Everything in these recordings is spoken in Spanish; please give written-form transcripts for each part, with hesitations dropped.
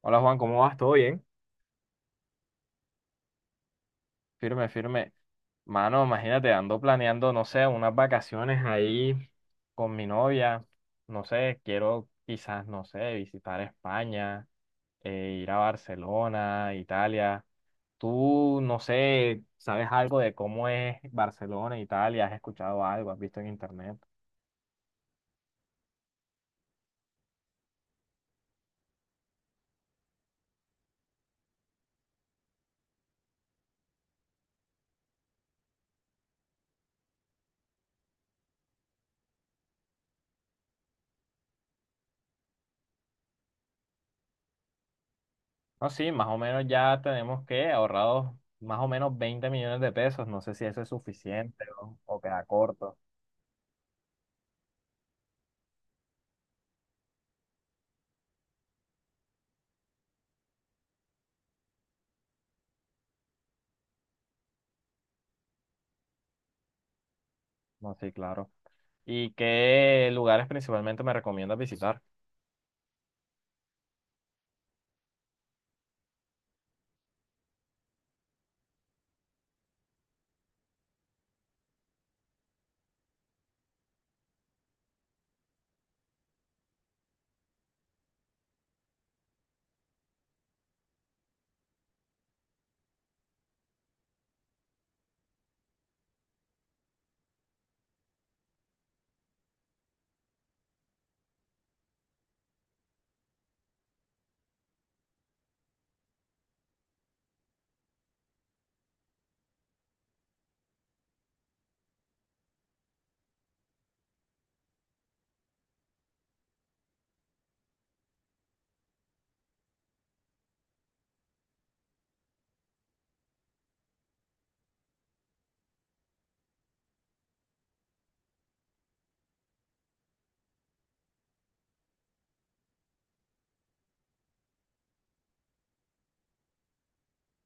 Hola Juan, ¿cómo vas? ¿Todo bien? Firme, firme. Mano, imagínate, ando planeando, no sé, unas vacaciones ahí con mi novia. No sé, quiero quizás, no sé, visitar España, ir a Barcelona, Italia. Tú, no sé, ¿sabes algo de cómo es Barcelona, Italia? ¿Has escuchado algo? ¿Has visto en internet? No, sí, más o menos ya tenemos que ahorrados más o menos 20 millones de pesos. No sé si eso es suficiente o queda corto. No, sí, claro. ¿Y qué lugares principalmente me recomiendas visitar?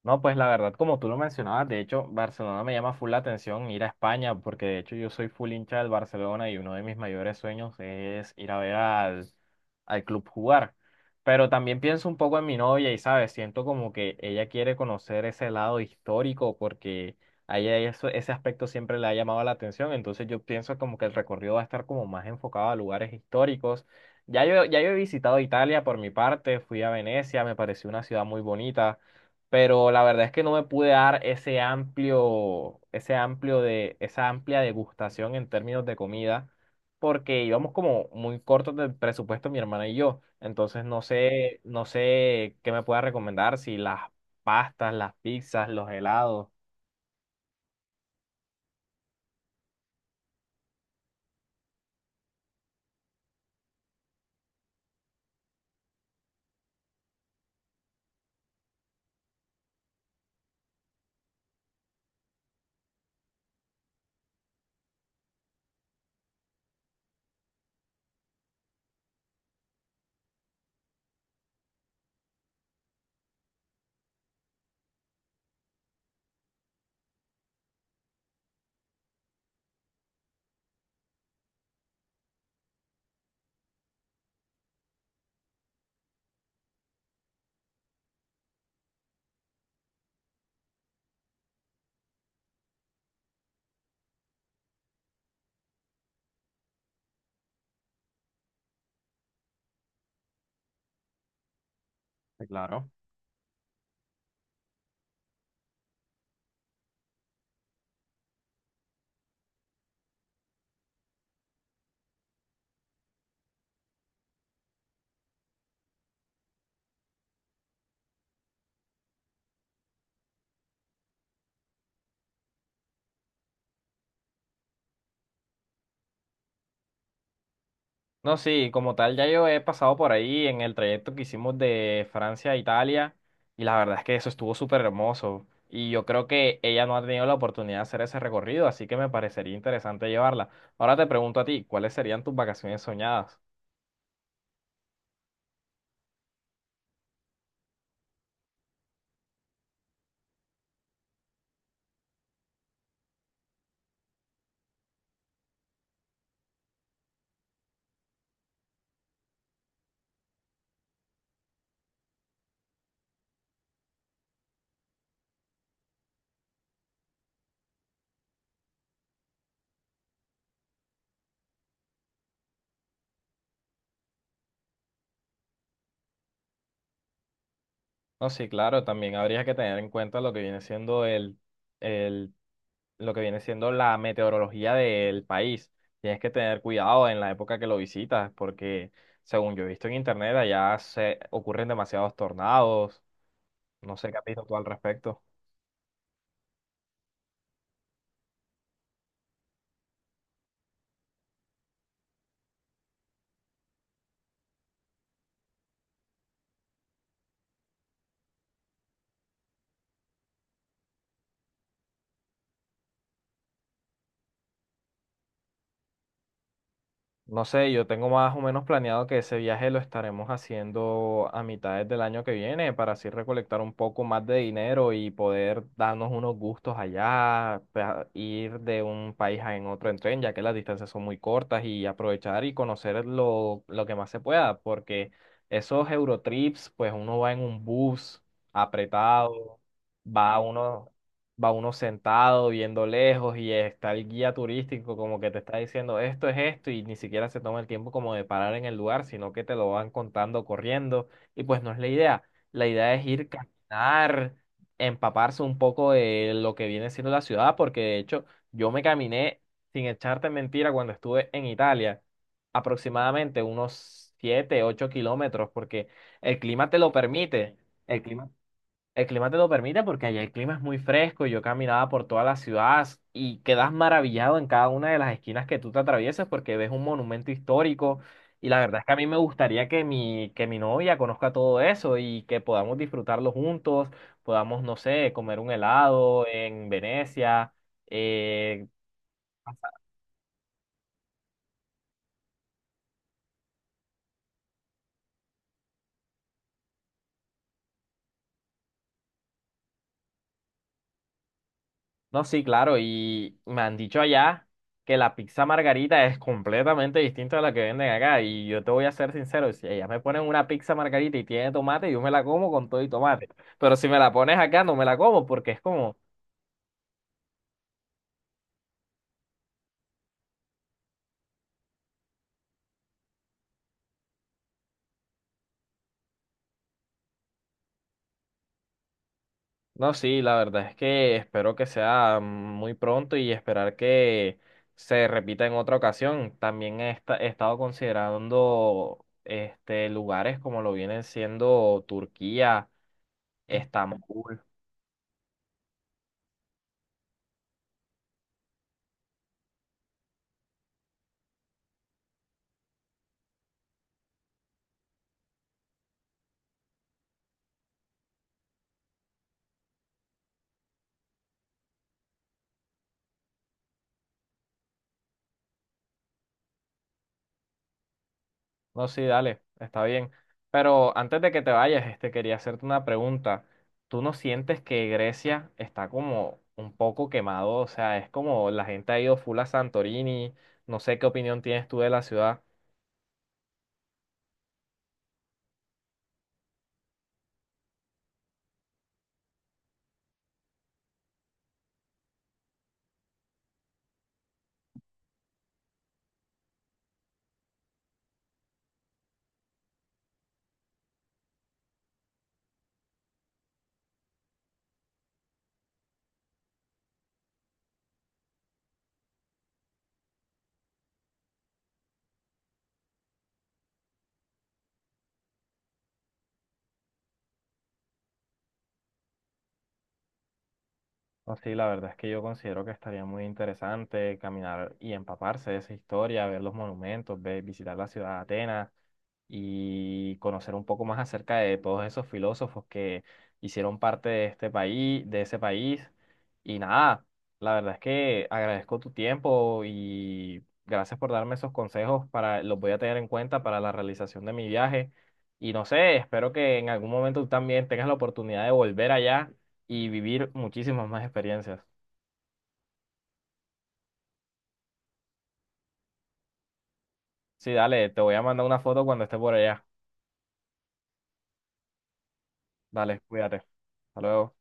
No, pues la verdad, como tú lo mencionabas, de hecho, Barcelona me llama full la atención ir a España, porque de hecho yo soy full hincha del Barcelona y uno de mis mayores sueños es ir a ver al club jugar. Pero también pienso un poco en mi novia y, ¿sabes? Siento como que ella quiere conocer ese lado histórico porque a ella ese aspecto siempre le ha llamado la atención. Entonces yo pienso como que el recorrido va a estar como más enfocado a lugares históricos. Ya yo he visitado Italia por mi parte, fui a Venecia, me pareció una ciudad muy bonita, pero la verdad es que no me pude dar esa amplia degustación en términos de comida, porque íbamos como muy cortos del presupuesto mi hermana y yo. Entonces no sé qué me pueda recomendar, si las pastas, las pizzas, los helados. Sí, claro. No, sí, como tal, ya yo he pasado por ahí en el trayecto que hicimos de Francia a Italia, y la verdad es que eso estuvo súper hermoso y yo creo que ella no ha tenido la oportunidad de hacer ese recorrido, así que me parecería interesante llevarla. Ahora te pregunto a ti, ¿cuáles serían tus vacaciones soñadas? No, sí, claro, también habría que tener en cuenta el, lo que viene siendo la meteorología del país. Tienes que tener cuidado en la época que lo visitas, porque según yo he visto en internet, allá se ocurren demasiados tornados. No sé qué has visto tú al respecto. No sé, yo tengo más o menos planeado que ese viaje lo estaremos haciendo a mitades del año que viene para así recolectar un poco más de dinero y poder darnos unos gustos allá, ir de un país a en otro en tren, ya que las distancias son muy cortas y aprovechar y conocer lo que más se pueda, porque esos Eurotrips, pues uno va en un bus apretado, va uno va uno sentado viendo lejos y está el guía turístico como que te está diciendo esto es esto y ni siquiera se toma el tiempo como de parar en el lugar, sino que te lo van contando corriendo, y pues no es la idea. La idea es ir caminar, empaparse un poco de lo que viene siendo la ciudad, porque de hecho yo me caminé, sin echarte mentira, cuando estuve en Italia, aproximadamente unos 7 8 kilómetros, porque el clima te lo permite. El clima el clima te lo permite porque allá el clima es muy fresco. Y Yo caminaba por toda la ciudad y quedas maravillado en cada una de las esquinas que tú te atraviesas porque ves un monumento histórico. Y la verdad es que a mí me gustaría que mi novia conozca todo eso y que podamos disfrutarlo juntos, podamos, no sé, comer un helado en Venecia, eh, no, sí, claro, y me han dicho allá que la pizza margarita es completamente distinta a la que venden acá. Y yo te voy a ser sincero, si ellas me ponen una pizza margarita y tiene tomate, yo me la como con todo y tomate. Pero si me la pones acá, no me la como porque es como, no, sí, la verdad es que espero que sea muy pronto y esperar que se repita en otra ocasión. También he estado considerando este lugares como lo vienen siendo Turquía, Estambul. No, sí, dale, está bien. Pero antes de que te vayas, este, quería hacerte una pregunta. ¿Tú no sientes que Grecia está como un poco quemado? O sea, es como la gente ha ido full a Santorini. No sé qué opinión tienes tú de la ciudad. No, sí, la verdad es que yo considero que estaría muy interesante caminar y empaparse de esa historia, ver los monumentos, visitar la ciudad de Atenas y conocer un poco más acerca de todos esos filósofos que hicieron parte de este país, de ese país. Y nada, la verdad es que agradezco tu tiempo y gracias por darme esos consejos para, los voy a tener en cuenta para la realización de mi viaje. Y no sé, espero que en algún momento tú también tengas la oportunidad de volver allá y vivir muchísimas más experiencias. Sí, dale, te voy a mandar una foto cuando esté por allá. Dale, cuídate. Hasta luego.